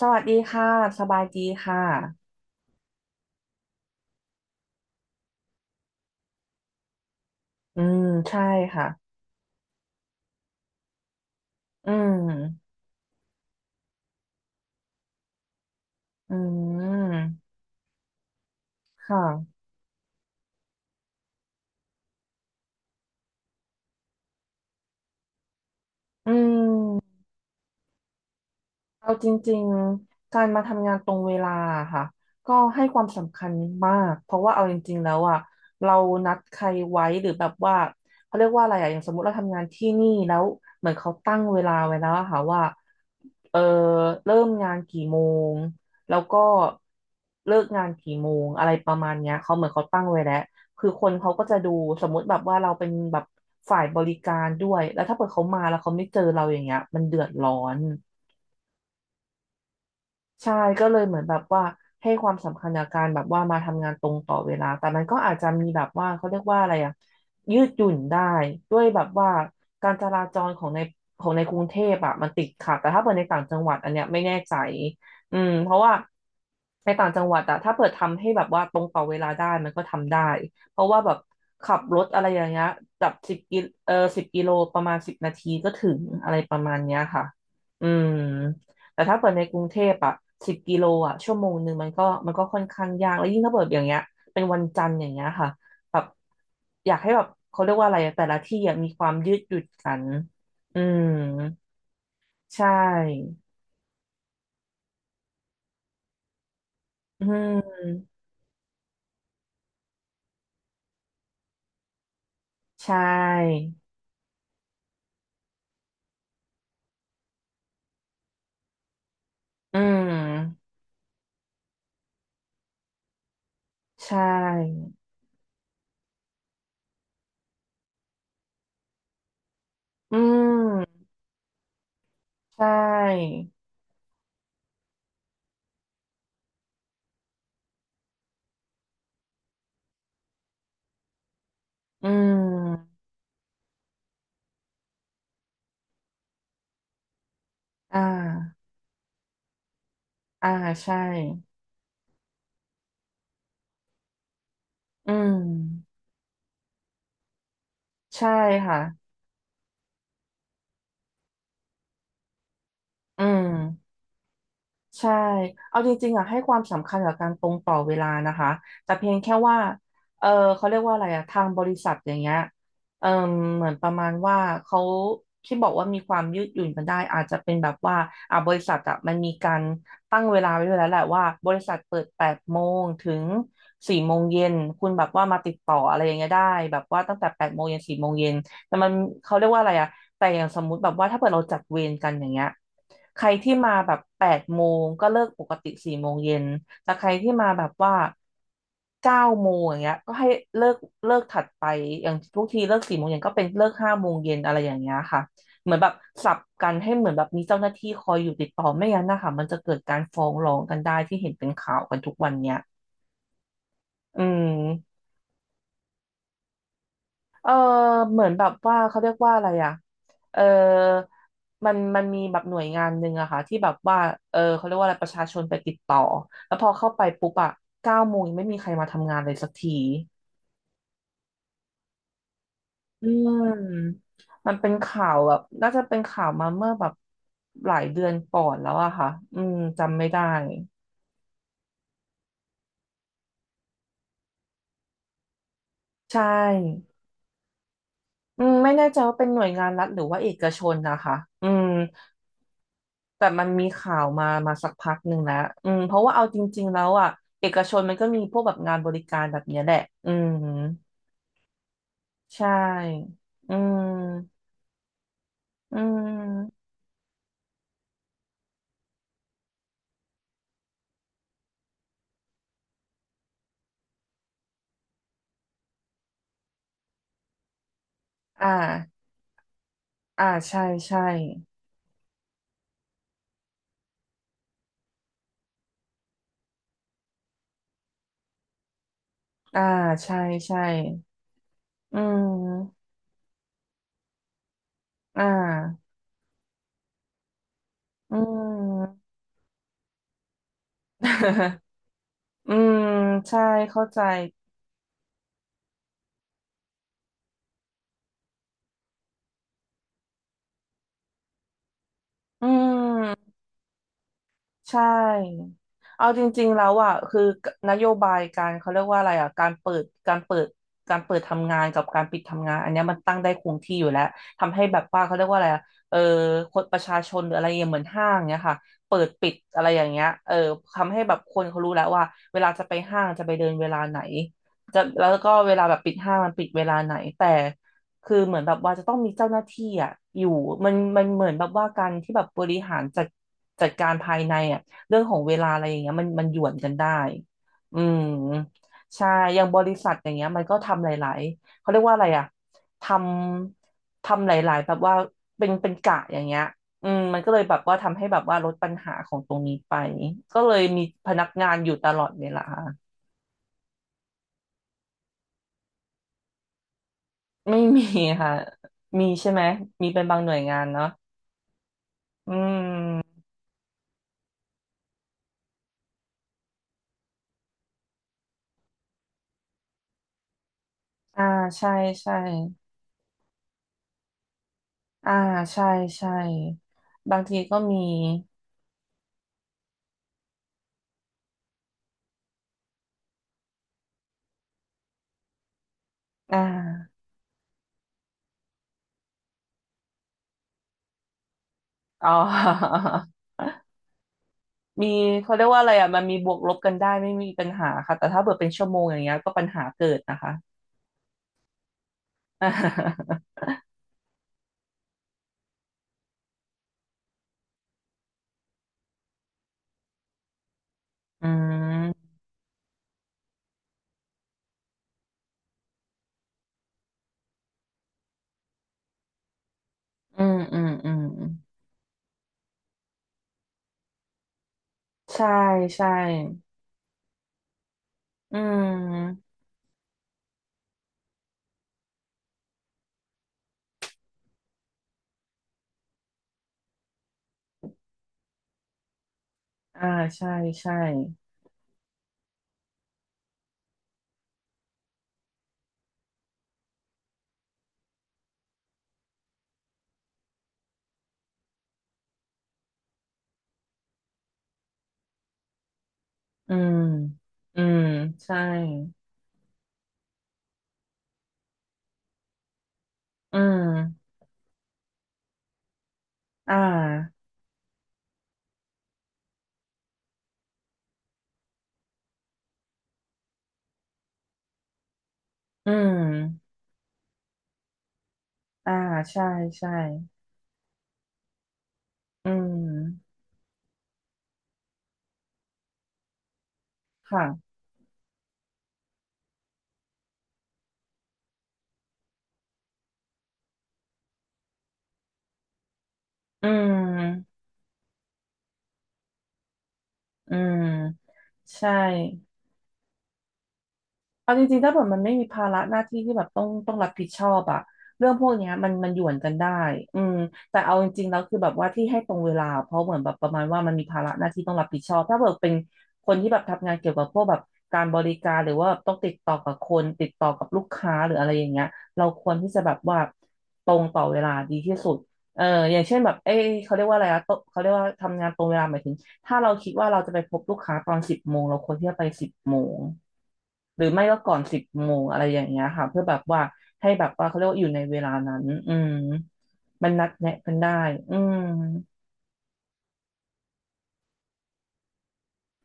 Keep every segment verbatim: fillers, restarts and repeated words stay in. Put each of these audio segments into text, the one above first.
สวัสดีค่ะสบายดีค่ะ อืมใช่ค่ะ อืมอืมค่ะ อืม เอาจริงๆ การมาทำงานตรงเวลาอะค่ะก็ให้ความสำคัญมากเพราะว่าเอาจริงๆแล้วอ่ะเรานัดใครไว้หรือแบบว่าเขาเรียกว่าอะไรอ่ะอย่างสมมติเราทำงานที่นี่แล้วเหมือนเขาตั้งเวลาไว้แล้วอะค่ะว่าเออเริ่มงานกี่โมงแล้วก็เลิกงานกี่โมงอะไรประมาณเนี้ยเขาเหมือนเขาตั้งไว้แล้วคือคนเขาก็จะดูสมมติแบบว่าเราเป็นแบบฝ่ายบริการด้วยแล้วถ้าเกิดเขามาแล้วเขาไม่เจอเราอย่างเงี้ยมันเดือดร้อน ใช่ก็เลยเหมือนแบบว่าให้ความสำคัญกับการแบบว่ามาทำงานตรงต่อเวลาแต่มันก็อาจจะมีแบบว่าเขาเรียกว่าอะไรอะยืดหยุ่นได้ด้วยแบบว่าการจราจรของในของในกรุงเทพอะมันติดขัดแต่ถ้าเปิดในต่างจังหวัดอันเนี้ยไม่แน่ใจอืมเพราะว่าในต่างจังหวัดอะถ้าเปิดทำให้แบบว่าตรงต่อเวลาได้มันก็ทำได้เพราะว่าแบบขับรถอะไรอย่างเงี้ยแบบสิบกิเออสิบกิโลประมาณสิบนาทีก็ถึงอะไรประมาณเนี้ยค่ะอืม แต่ถ้าเปิดในกรุงเทพอะสิบกิโลอะชั่วโมงหนึ่งมันก็มันก็ค่อนข้างยากแล้วยิ่งถ้าเปิดอย่างเงี้ยเป็นวันจันทร์อย่างเงี้ยค่ะแบบอยากให้แบบเขาเรียกว่าอะไรอะแต่ละที่อะมีความยืดหยุ่นกันอืมใช่อืมใช่อืมใช่อืมใช่อืมอ่าอ่าใช่อืมใช่ค่ะอืม ใช่ เอาจริงๆอ่ะให้ความสำคัญกับการตรงต่อเวลานะคะ แต่เพียงแค่ว่าเออเขาเรียกว่าอะไรอ่ะทางบริษัทอย่างเงี้ยเออเหมือนประมาณว่าเขาที่บอกว่ามีความยืดหยุ่นกันได้อาจจะเป็นแบบว่าอ่ะบริษัทอ่ะมันมีการตั้งเวลาไว้ด้วยแล้วแหละว่าบริษัทเปิดแปดโมงถึงสี่โมงเย็นคุณแบบว่ามาติดต่ออะไรอย่างเงี้ยได้แบบว่าตั้งแต่แปดโมงเย็นสี่โมงเย็น แต่มันเขาเรียกว่าอะไรอะแต่อย่างสมมุติแบบว่าถ้าเกิดเราจัดเวรกันอย่างเงี้ยใครที่มาแบบแปดโมงก็เลิกปกติสี่โมงเย็นแต่ใครที่มาแบบว่าเก้าโมงอย่างเงี้ยก็ให้เลิกเลิกถัดไปอย่างทุกทีเลิกสี่โมงเย็นก็เป็นเลิกห้าโมงเย็นอะไรอย่างเงี้ยค่ะเหมือนแบบสับกันให้เหมือนแบบมีเจ้าหน้าที่คอยอยู่ติดต่อไม่งั้นนะคะมันจะเกิดการฟ้องร้องกันได้ที่เห็นเป็นข่าวกันทุกวันเนี้ยอืม เออเหมือนแบบว่าเขาเรียกว่าอะไรอ่ะเออมันมันมีแบบหน่วยงานหนึ่งอะค่ะที่แบบว่าเออเขาเรียกว่าอะไรประชาชนไปติดต่อแล้วพอเข้าไปปุ๊บอะเก้าโมงยังไม่มีใครมาทำงานเลยสักทีอืมมันเป็นข่าวแบบน่าจะเป็นข่าวมาเมื่อแบบหลายเดือนก่อนแล้วอะค่ะอืมจำไม่ได้ใช่อืมไม่แน่ใจว่าเป็นหน่วยงานรัฐหรือว่าเอกชนนะคะอืม แต่มันมีข่าวมามาสักพักหนึ่งแล้วอืมเพราะว่าเอาจริงๆแล้วอ่ะ เอกชนมันก็มีพวกแบบงานบริการแบบเนี้ยแหละอืมใช่อืมอืมอ่าอ่าใช่ใช่อ่าใช่ใช่อืมอ่าอืม อืมใช่ เข้าใจอืม ใช่เอาจริงๆแล้วอ่ะคือนโยบายการเขาเรียกว่าอะไรอ่ะการเปิดการเปิดการเปิดทำงานกับการปิดทำงานอันเนี้ยมันตั้งได้คงที่อยู่แล้วทำให้แบบว่าเขาเรียกว่าอะไรอ่ะเออคนประชาชนหรืออะไรอย่างเงี้ยเหมือนห้างเนี้ยค่ะเปิดปิดอะไรอย่างเงี้ยเออทำให้แบบคนเขารู้แล้วว่าเวลาจะไปห้างจะไปเดินเวลาไหนจะแล้วก็เวลาแบบปิดห้างมันปิดเวลาไหนแต่ คือเหมือนแบบว่าจะต้องมีเจ้าหน้าที่อ่ะอยู่มันมันเหมือนแบบว่าการที่แบบบริหารจัดจัดการภายในอ่ะเรื่องของเวลาอะไรอย่างเงี้ยมันมันหย่วนกันได้อืมใช่อย่างบริษัทอย่างเงี้ยมันก็ทำหลายๆเขาเรียกว่าอะไรอ่ะทำทำหลายๆแบบว่าเป็นเป็นกะอย่างเงี้ยอืมมันก็เลยแบบว่าทำให้แบบว่าลดปัญหาของตรงนี้ไปก็เลยมีพนักงานอยู่ตลอดเวลาไม่มีค่ะมีใช่ไหมมีเป็นบางหน่วยงานเนาะอืม อ่าใช่ใช่อ่าใช่ใช่บางทีก็มีอ่าอ๋อ มีเขาเรียกว่าอะไรอ่ะมันมีบวกลบกันได้ไม่มีปัญหาค่ะแต่ถ้าเกิดเป็นชั่วโมงอย่างเงี้ยก็ปัญหาเกิดนะคะ อืมอืมอืมอืมใช่ใช่อืมอ่าใช่ใช่อืมอืมใช่อืมอ่าอืมอ่าใช่ใช่อืมค่ะ อืมอืมใช่ เอาจริงๆถ้าแบบมันไม่มีภาระหน้าที่ที่แบบต้องต้องรับผิดชอบอะเรื่องพวกเนี้ยมันมันหยวนกันได้อืมแต่เอาจริงๆแล้วคือแบบว่าที่ให้ตรงเวลาเพราะเหมือนแบบประมาณว่ามันมีภาระหน้าที่ต้องรับผิดชอบถ้าแบบเป็นคนที่แบบทำงานเกี่ยวกับพวกแบบการบริการหรือว่าแบบต้องติดต่อกับคนติดต่อกับลูกค้าหรืออะไรอย่างเงี้ยเราควรที่จะแบบว่าตรงต่อเวลาดีที่สุดเอออย่างเช่นแบบเอ้ยเขาเรียกว่าอะไรอะโตเขาเรียกว่าทำงานตรงเวลาหมายถึงถ้าเราคิดว่าเราจะไปพบลูกค้าตอนสิบโมงเราควรที่จะไปสิบโมง หรือไม่ก็ก่อนสิบโมงอะไรอย่างเงี้ยค่ะเพื่อแบบว่าให้แบบว่าเขาเรียกว่าอยู่ในเวลานั้นอืมมันนัดแนะกันได้อืม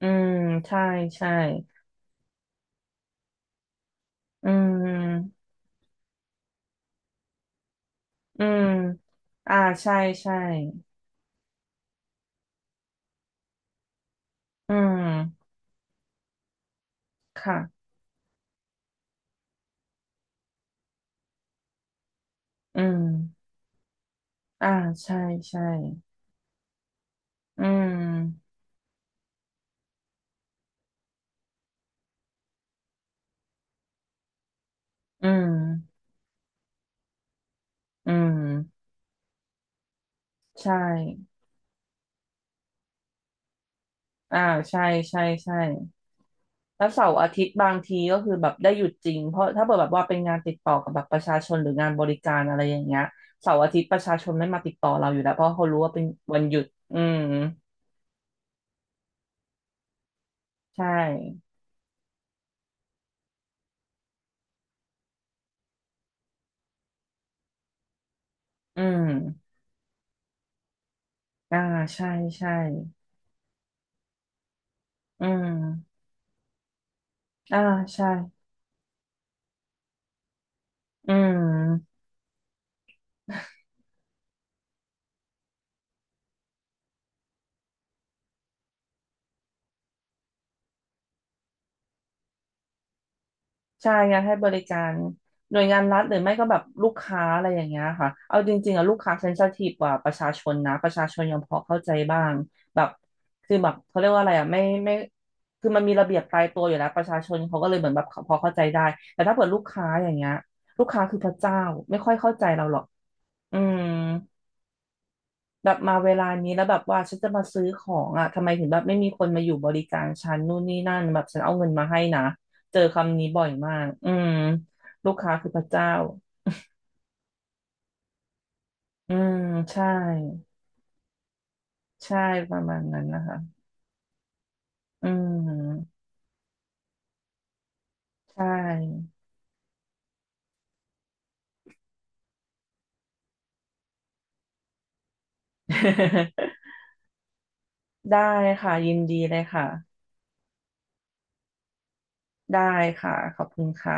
อืมใช่ใช่อืมอืมอ่าใช่ใช่อืมค่ะอืมอ่าใช่ใช่อืมอืมอืมใช่อ่าใช่ใช่ใช่ แล้วเสาร์อาทิตย์บางทีก็คือแบบได้หยุดจริงเพราะถ้าเกิดแบบว่าเป็นงานติดต่อกับแบบประชาชนหรืองานบริการอะไรอย่างเงี้ยเสาร์อาทิตย์ประชาชนไม่มาติดต่อเราอยู่แล้วเพราะเขารู้ว่าเป็นวันหยุดอืมใช่อืมอ่าใช่ใช่อืมอ่าใช่อืม ใช่งานให้บริการหน่วยงานรัฐหรือไม่ก็แบบลูกค้าอะไรอย่างเงี้ยค่ะเอาจริงๆอะลูกค้าเซน i ิทีฟกว่าประชาชนนะประชาชนยังพอเข้าใจบ้างแบบคือแบบเขาเรียกว่าอะไรอะไม่ไม่คือมันมีระเบียบตายตัวอยู่แล้วประชาชนเขาก็เลยเหมือนแบบพอเข้าใจได้แต่ถ้าเปิดลูกค้าอย่างเงี้ยลูกค้าคือพระเจ้าไม่ค่อยเข้าใจเราหรอกอืม แบบมาเวลานี้แล้วแบบว่าฉันจะมาซื้อของอ่ะทำไมถึงแบบไม่มีคนมาอยู่บริการฉันนู่นนี่นั่นแบบฉันเอาเงินมาให้นะเจอคำนี้บ่อยมากอืมลูกค้าคือพระเจ้าอืมใช่ใช่ประมาณนั้นนะคะอืมใช่ ได้ค่ะยินดีเลยค่ะได้ค่ะขอบคุณค่ะ